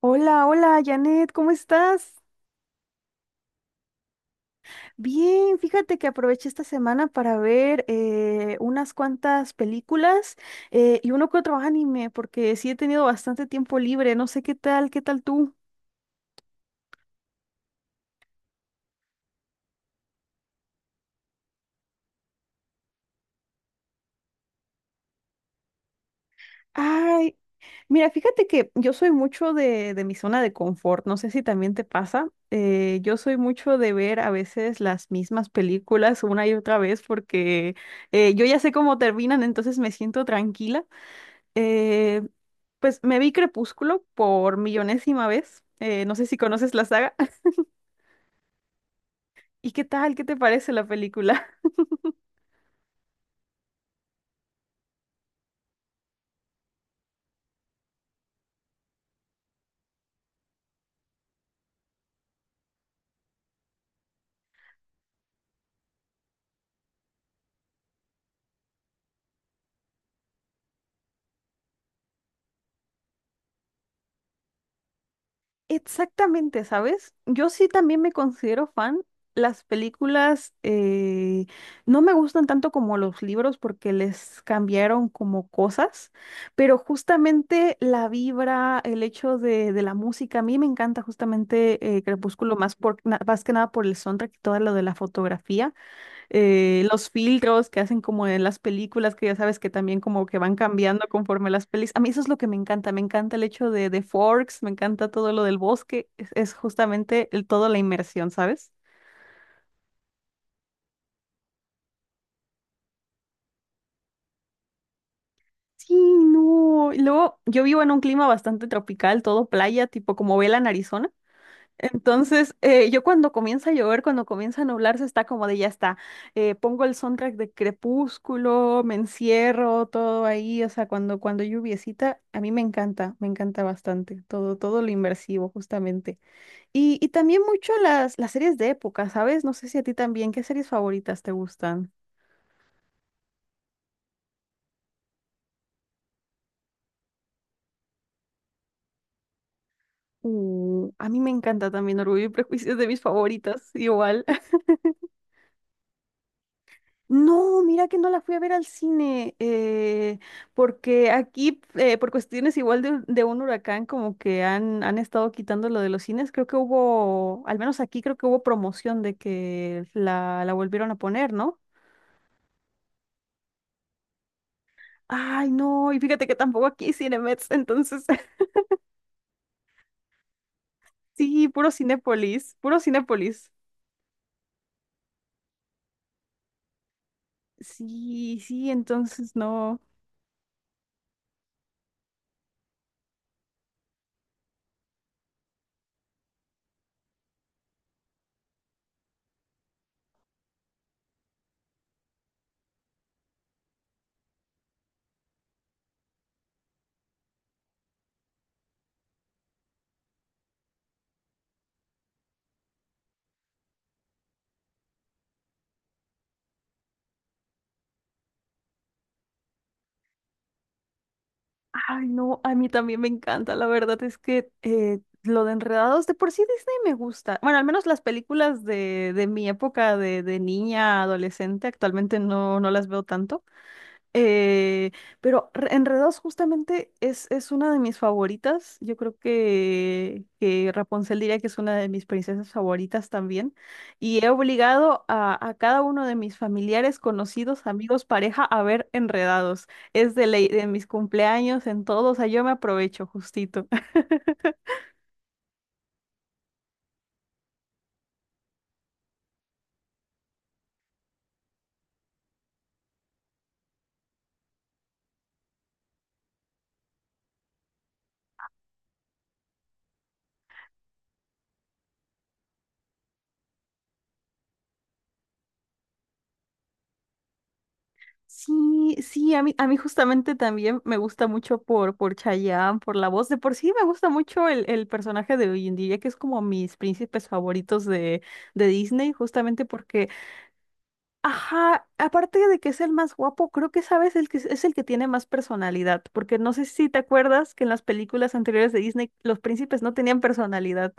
Hola, hola, Janet, ¿cómo estás? Bien, fíjate que aproveché esta semana para ver unas cuantas películas y uno que otro anime, porque sí he tenido bastante tiempo libre, no sé qué tal tú. Ay, mira, fíjate que yo soy mucho de mi zona de confort, no sé si también te pasa. Yo soy mucho de ver a veces las mismas películas una y otra vez porque yo ya sé cómo terminan, entonces me siento tranquila. Eh, pues me vi Crepúsculo por millonésima vez. No sé si conoces la saga. ¿Y qué tal? ¿Qué te parece la película? Exactamente, ¿sabes? Yo sí también me considero fan. Las películas no me gustan tanto como los libros porque les cambiaron como cosas, pero justamente la vibra, el hecho de la música, a mí me encanta justamente Crepúsculo más, por, más que nada por el soundtrack y todo lo de la fotografía. Los filtros que hacen como en las películas, que ya sabes que también como que van cambiando conforme las pelis. A mí eso es lo que me encanta el hecho de Forks, me encanta todo lo del bosque, es justamente el, toda la inmersión, ¿sabes? Sí, no. Y luego yo vivo en un clima bastante tropical, todo playa, tipo como Vela en Arizona. Entonces, yo cuando comienza a llover, cuando comienza a nublarse, está como de ya está. Pongo el soundtrack de Crepúsculo, me encierro, todo ahí. O sea, cuando hay lluviecita, a mí me encanta bastante. Todo, todo lo inmersivo justamente. Y también mucho las series de época, ¿sabes? No sé si a ti también, ¿qué series favoritas te gustan? A mí me encanta también Orgullo y Prejuicio es de mis favoritas, igual. No, mira que no la fui a ver al cine, porque aquí, por cuestiones igual de un huracán, como que han, han estado quitando lo de los cines, creo que hubo, al menos aquí creo que hubo promoción de que la volvieron a poner, ¿no? Ay, no, y fíjate que tampoco aquí hay Cinemex, entonces, sí, puro Cinépolis, puro Cinépolis. Sí, sí, entonces no. Ay, no, a mí también me encanta. La verdad es que lo de Enredados, de por sí Disney me gusta. Bueno, al menos las películas de mi época de niña, adolescente, actualmente no, no las veo tanto. Eh, pero Enredados justamente es una de mis favoritas. Yo creo que Rapunzel diría que es una de mis princesas favoritas también. Y he obligado a cada uno de mis familiares, conocidos, amigos, pareja a ver Enredados. Es de ley, de mis cumpleaños, en todo. O sea, yo me aprovecho justito. Sí, sí, a mí justamente también me gusta mucho por Chayanne, por la voz. De por sí me gusta mucho el personaje de hoy en día, que es como mis príncipes favoritos de Disney, justamente porque, ajá, aparte de que es el más guapo, creo que sabes el que es el que tiene más personalidad, porque no sé si te acuerdas que en las películas anteriores de Disney los príncipes no tenían personalidad.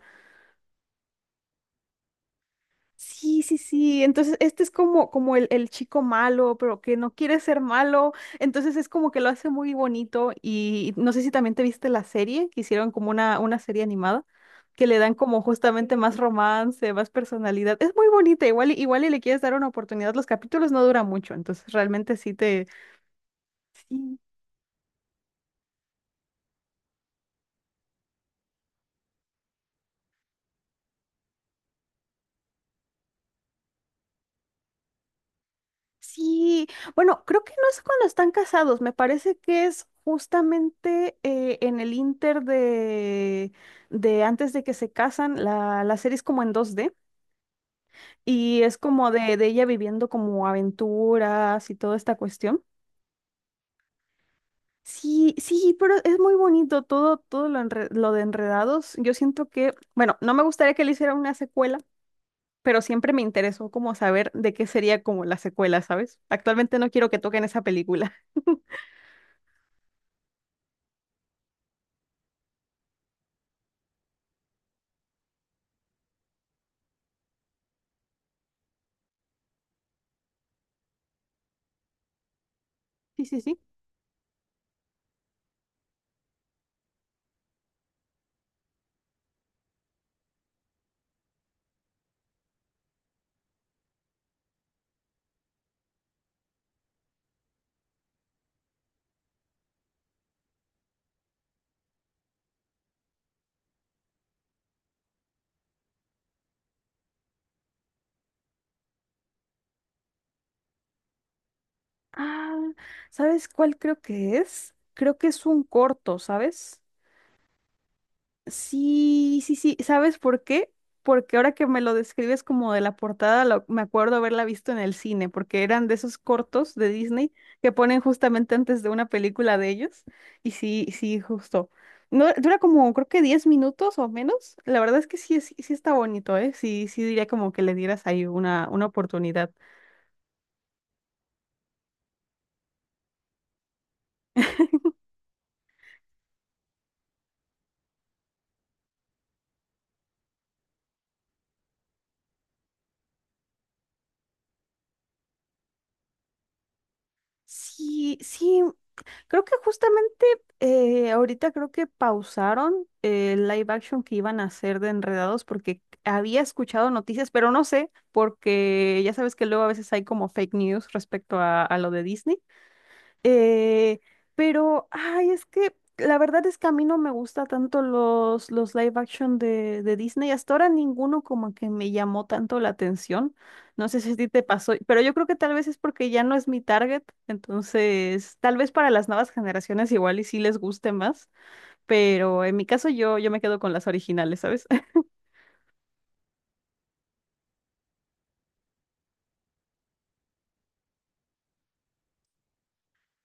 Sí, sí, sí. Entonces, este es como, como el chico malo, pero que no quiere ser malo. Entonces es como que lo hace muy bonito. Y no sé si también te viste la serie, que hicieron como una serie animada, que le dan como justamente más romance, más personalidad. Es muy bonita, igual, y- igual y le quieres dar una oportunidad. Los capítulos no duran mucho, entonces realmente sí te, sí, Sí, bueno, creo que no es cuando están casados, me parece que es justamente en el inter de antes de que se casan, la serie es como en dos d y es como de ella viviendo como aventuras y toda esta cuestión. Sí, sí, pero es muy bonito todo, todo lo, lo de Enredados. Yo siento que, bueno, no me gustaría que le hiciera una secuela, pero siempre me interesó como saber de qué sería como la secuela, ¿sabes? Actualmente no quiero que toquen esa película. Sí, sí, sí. Ah, ¿sabes cuál creo que es? Creo que es un corto, ¿sabes? Sí, sí, sí. ¿Sabes por qué? Porque ahora que me lo describes como de la portada, me acuerdo haberla visto en el cine, porque eran de esos cortos de Disney que ponen justamente antes de una película de ellos. Y sí, sí, justo. No, dura como creo que 10 minutos o menos. La verdad es que sí, sí, sí está bonito, ¿eh? Sí, sí diría como que le dieras ahí una oportunidad. Sí, sí, creo que justamente ahorita creo que pausaron el live action que iban a hacer de Enredados porque había escuchado noticias, pero no sé, porque ya sabes que luego a veces hay como fake news respecto a lo de Disney. Eh, pero, ay, es que la verdad es que a mí no me gusta tanto los live action de Disney. Hasta ahora ninguno como que me llamó tanto la atención. No sé si a ti te pasó, pero yo creo que tal vez es porque ya no es mi target. Entonces, tal vez para las nuevas generaciones igual y sí les guste más. Pero en mi caso yo, yo me quedo con las originales, ¿sabes?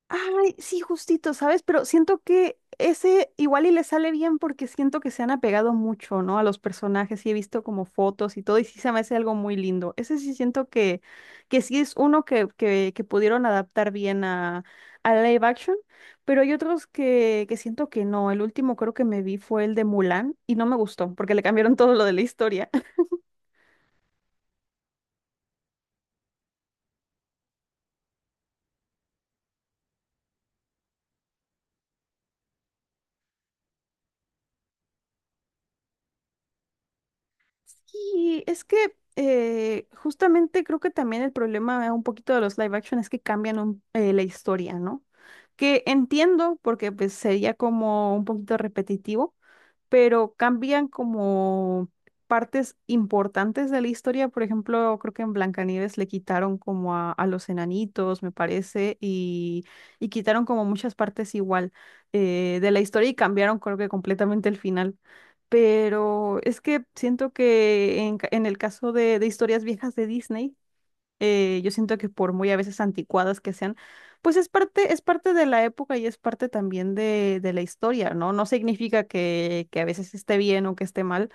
Ay, sí, justito, ¿sabes? Pero siento que ese igual y le sale bien porque siento que se han apegado mucho, ¿no? A los personajes y he visto como fotos y todo y sí se me hace algo muy lindo. Ese sí siento que sí es uno que pudieron adaptar bien a live action, pero hay otros que siento que no. El último creo que me vi fue el de Mulan y no me gustó porque le cambiaron todo lo de la historia. Sí, es que justamente creo que también el problema un poquito de los live action es que cambian la historia, ¿no? Que entiendo porque pues sería como un poquito repetitivo, pero cambian como partes importantes de la historia. Por ejemplo, creo que en Blancanieves le quitaron como a los enanitos, me parece, y quitaron como muchas partes igual de la historia y cambiaron creo que completamente el final pero es que siento que en, en el caso de historias viejas de Disney, yo siento que por muy a veces anticuadas que sean, pues es parte de la época y es parte también de la historia, ¿no? No significa que a veces esté bien o que esté mal,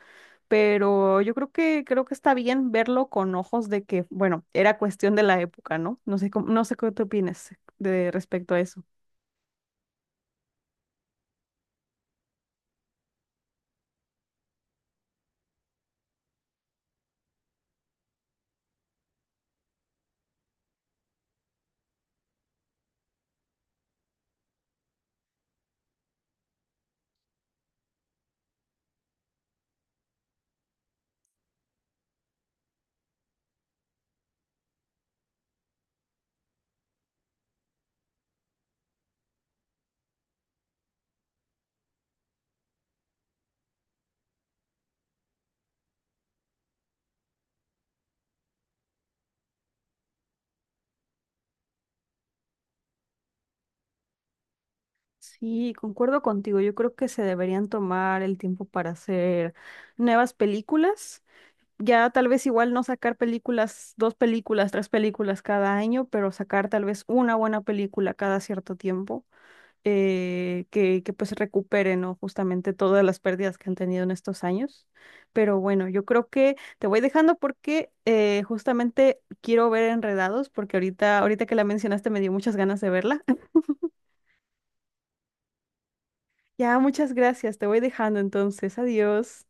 pero yo creo que está bien verlo con ojos de que, bueno, era cuestión de la época, ¿no? No sé qué tú opinas de respecto a eso. Sí, concuerdo contigo. Yo creo que se deberían tomar el tiempo para hacer nuevas películas. Ya tal vez igual no sacar películas, dos películas, tres películas cada año, pero sacar tal vez una buena película cada cierto tiempo que pues recupere, ¿no? Justamente todas las pérdidas que han tenido en estos años. Pero bueno, yo creo que te voy dejando porque justamente quiero ver Enredados porque ahorita, ahorita que la mencionaste me dio muchas ganas de verla. Ya, muchas gracias. Te voy dejando entonces. Adiós.